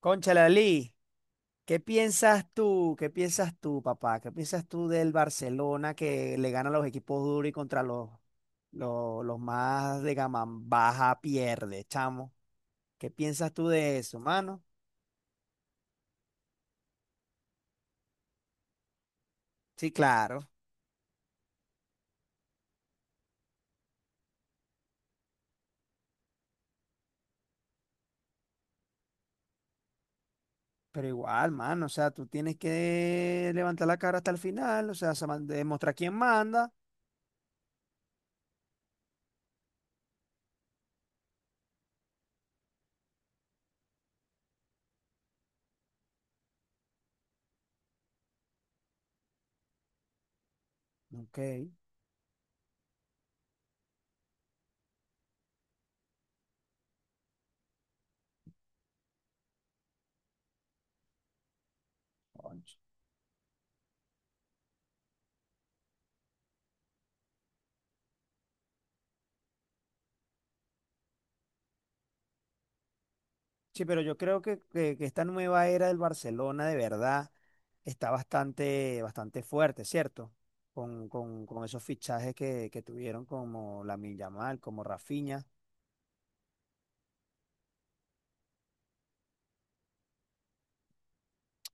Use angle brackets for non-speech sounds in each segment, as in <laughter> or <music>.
Conchalalí, ¿qué piensas tú? ¿Qué piensas tú, papá? ¿Qué piensas tú del Barcelona que le gana a los equipos duros y contra los más de gama baja pierde, chamo? ¿Qué piensas tú de eso, mano? Sí, claro, pero igual, mano, o sea, tú tienes que levantar la cara hasta el final, o sea, demostrar quién manda. Ok, concho. Sí, pero yo creo que esta nueva era del Barcelona de verdad está bastante, bastante fuerte, ¿cierto? Con esos fichajes que tuvieron como Lamine Yamal, como Rafinha.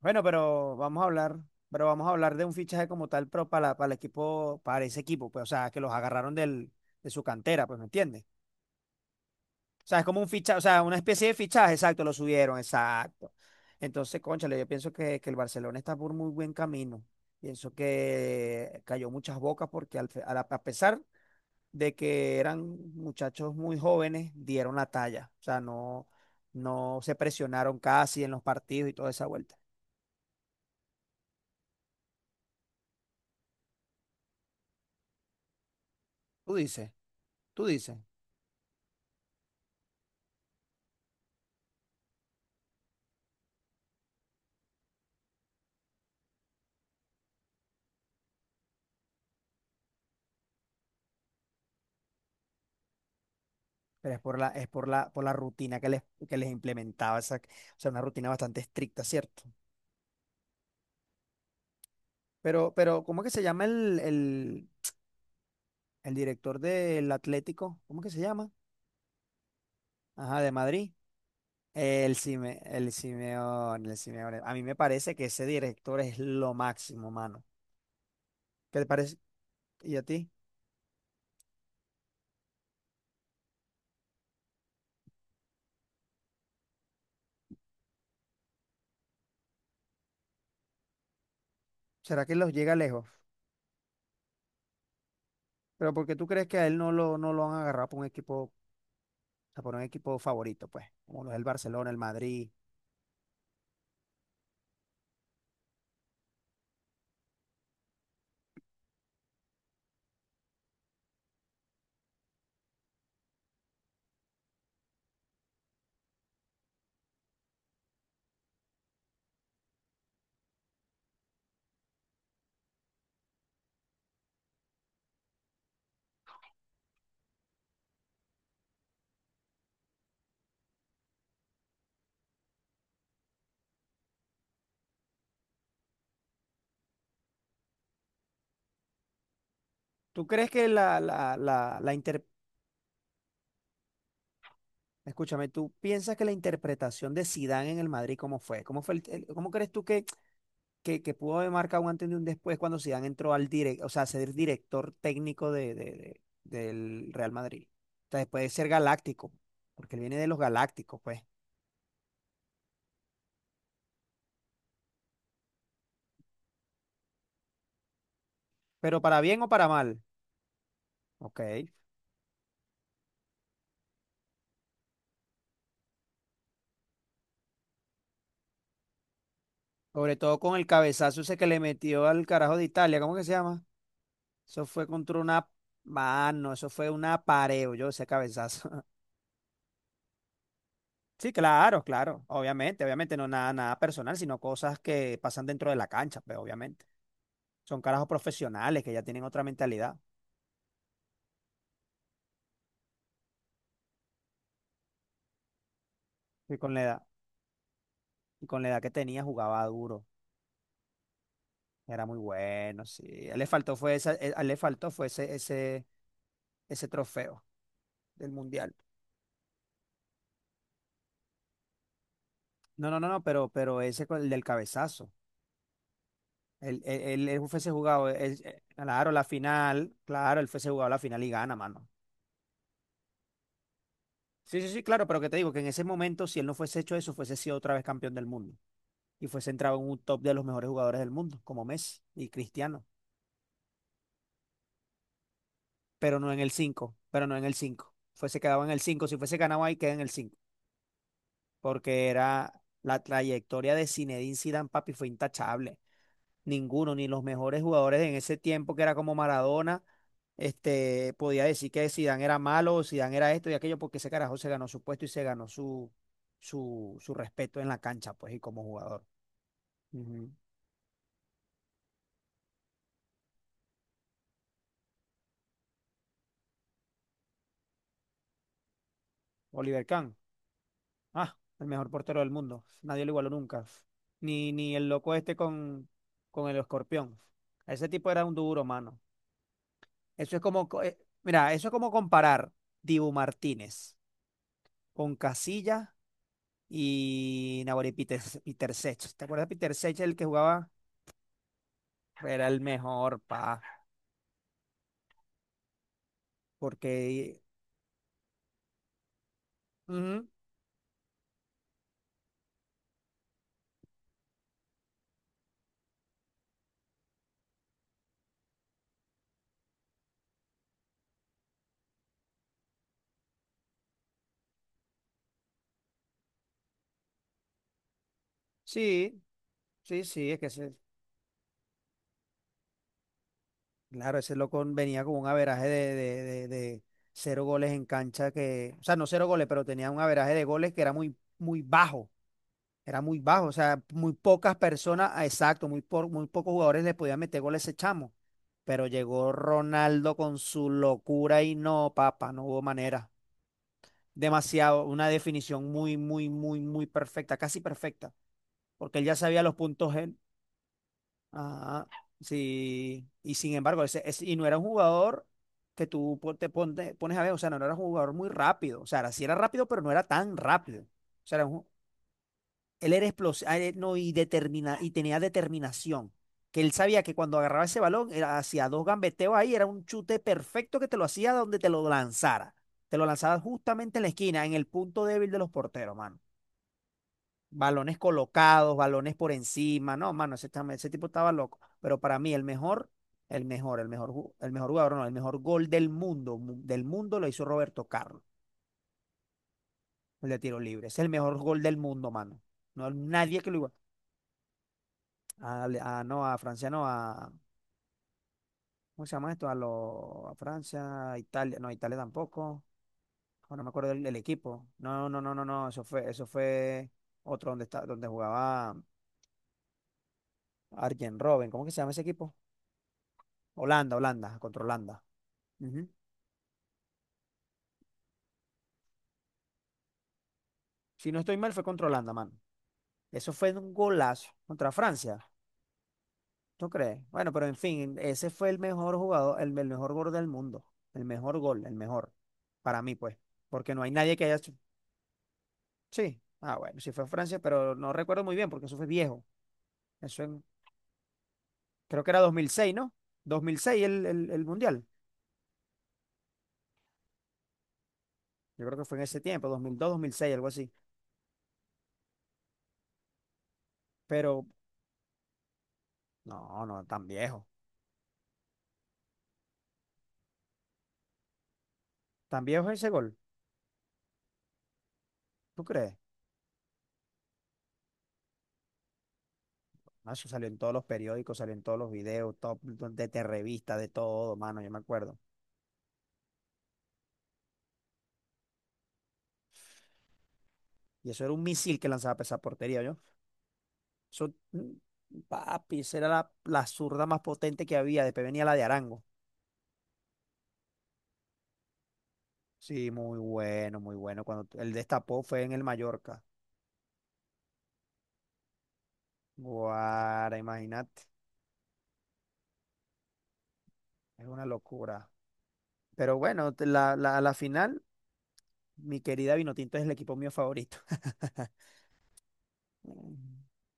Bueno, pero vamos a hablar, pero vamos a hablar de un fichaje como tal, pero para el equipo, para ese equipo, pues, o sea, que los agarraron de su cantera, pues, ¿me entiendes? O sea, es como un fichaje, o sea, una especie de fichaje, exacto, lo subieron, exacto. Entonces, cónchale, yo pienso que el Barcelona está por muy buen camino. Pienso que cayó muchas bocas porque al fe- a, la- a pesar de que eran muchachos muy jóvenes, dieron la talla. O sea, no, no se presionaron casi en los partidos y toda esa vuelta. Tú dices, Tú dices, pero es por la rutina que les implementaba esa, o sea, una rutina bastante estricta, ¿cierto? Pero, ¿cómo es que se llama el director del Atlético? ¿Cómo que se llama? Ajá, de Madrid. El Simeone. A mí me parece que ese director es lo máximo, mano. ¿Qué te parece? ¿Y a ti? ¿Será que los llega lejos? Pero porque tú crees que a él no no lo han agarrado por un equipo, o sea, por un equipo favorito, pues, como lo es el Barcelona, el Madrid. ¿Tú crees que la inter- Escúchame, ¿tú piensas que la interpretación de Zidane en el Madrid cómo fue? ¿Cómo fue cómo crees tú que pudo haber marcado un antes y un después cuando Zidane entró al o sea, a ser director técnico del Real Madrid. O sea, después de ser galáctico, porque él viene de los galácticos, pues. Pero para bien o para mal, ok. Sobre todo con el cabezazo ese que le metió al carajo de Italia, ¿cómo que se llama? Eso fue contra una mano, eso fue un apareo, yo ese cabezazo. <laughs> Sí, claro, claro, obviamente, obviamente, no nada, nada personal, sino cosas que pasan dentro de la cancha, pues obviamente. Son carajos profesionales que ya tienen otra mentalidad. Y con la edad, y con la edad que tenía jugaba duro. Era muy bueno, sí. A él le faltó fue esa, a él le faltó fue ese ese trofeo del mundial. No, no, no, no, pero ese con el del cabezazo. Él fuese jugado, claro, la final, claro, él fuese jugado la final y gana, mano. Sí, sí, sí, claro, pero que te digo que en ese momento, si él no fuese hecho eso, fuese sido otra vez campeón del mundo. Y fuese entrado en un top de los mejores jugadores del mundo, como Messi y Cristiano. Pero no en el 5. Fuese quedado en el 5 si fuese ganado ahí, queda en el 5. Porque era la trayectoria de Zinedine Zidane, papi, fue intachable. Ninguno, ni los mejores jugadores en ese tiempo que era como Maradona, este, podía decir que Zidane era malo o Zidane era esto y aquello, porque ese carajo se ganó su puesto y se ganó su respeto en la cancha, pues, y como jugador. Ujú. Oliver Kahn, ah, el mejor portero del mundo. Nadie lo igualó nunca. Ni el loco este con el escorpión. Ese tipo era un duro, mano. Eso es como, mira, eso es como comparar Dibu Martínez con Casilla y Nahuel y Peter Sech. ¿Te acuerdas de Peter Sech, el que jugaba? Era el mejor, pa. Porque, ujú, sí, sí, sí, es que ese, claro, ese loco venía con un averaje de cero goles en cancha que, o sea, no cero goles, pero tenía un averaje de goles que era muy, muy bajo. Era muy bajo, o sea, muy pocas personas, ah, exacto, muy, por, muy pocos jugadores le podían meter gol a ese chamo. Pero llegó Ronaldo con su locura y no, papá, no hubo manera. Demasiado, una definición muy, muy, muy, muy perfecta, casi perfecta, porque él ya sabía los puntos él. Ajá, sí, y sin embargo, y no era un jugador que tú pon- te pon- pones a ver, o sea, no era un jugador muy rápido, o sea, sí era rápido, pero no era tan rápido. O sea, era un, él era explosivo, no, y, determina, y tenía determinación. Que él sabía que cuando agarraba ese balón, hacía dos gambeteos ahí, era un chute perfecto que te lo hacía donde te lo lanzara. Te lo lanzaba justamente en la esquina, en el punto débil de los porteros, mano. Balones colocados, balones por encima. No, mano, ese tipo estaba loco. Pero para mí, el mejor, ju- el mejor jugador, no, el mejor gol del mundo, del mundo lo hizo Roberto Carlos, el de tiro libre. Es el mejor gol del mundo, mano. No, hay nadie que lo igual. No, a Francia no, a, ¿cómo se llama esto? A, lo, a Francia, Italia, no, Italia tampoco. Ah, no me acuerdo del equipo. No, no, no, no, no, eso fue otro donde está, donde jugaba Arjen Robben. ¿Cómo que se llama ese equipo? Holanda, contra Holanda. Ujú. Si no estoy mal, fue contra Holanda, mano. Eso fue un golazo contra Francia. ¿Tú crees? Bueno, pero en fin, ese fue el mejor jugador, el mejor gol del mundo. El mejor gol, el mejor. Para mí, pues. Porque no hay nadie que haya. Sí. Ah, bueno, sí fue en Francia, pero no recuerdo muy bien porque eso fue viejo. Eso en- Creo que era 2006, ¿no? 2006 el Mundial. Yo creo que fue en ese tiempo, 2002, 2006, algo así. Pero no, no, tan viejo. Tan viejo ese gol. ¿Tú crees? No, eso salió en todos los periódicos, salió en todos los videos, top, de revista, de todo, mano, yo me acuerdo. Y eso era un misil que lanzaba para esa portería, ¿yo? Eso, mm, papi, esa era la zurda más potente que había. Después venía la de Arango. Sí, muy bueno, muy bueno. Cuando el destapó fue en el Mallorca. Guara, imagínate, es una locura. Pero bueno, la final, mi querida Vinotinto es el equipo mío favorito. <laughs> Mm.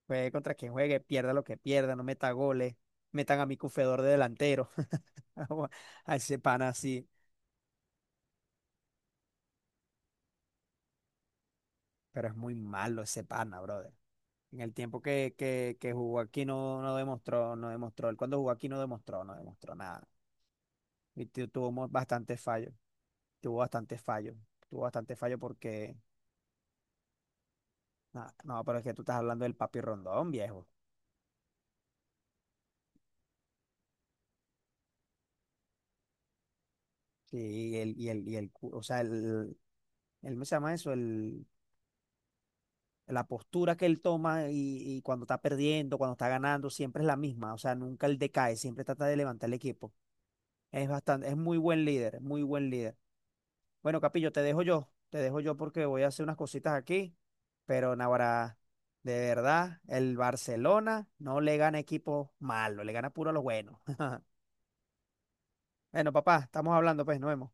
Juegue contra quien juegue, pierda lo que pierda, no meta goles, metan a mi cufedor de delantero, <laughs> a ese pana así. Pero es muy malo ese pana, brother. En el tiempo que jugó aquí no, no demostró, no demostró. Él cuando jugó aquí no demostró, no demostró nada. Y bastantes fallos. Tuvo bastante fallo. Tuvo bastante fallo porque, ah, no, pero es que tú estás hablando del Papi Rondón, viejo. Sí, y el, cu- o sea, ¿cómo se llama eso? El, la postura que él toma y cuando está perdiendo, cuando está ganando, siempre es la misma. O sea, nunca él decae, siempre trata de levantar el equipo. Es bastante, es muy buen líder, muy buen líder. Bueno, Capillo, te dejo yo porque voy a hacer unas cositas aquí, pero Navarra, de verdad, el Barcelona no le gana equipos malos, le gana puro a los buenos. Bueno, papá, estamos hablando, pues, nos vemos.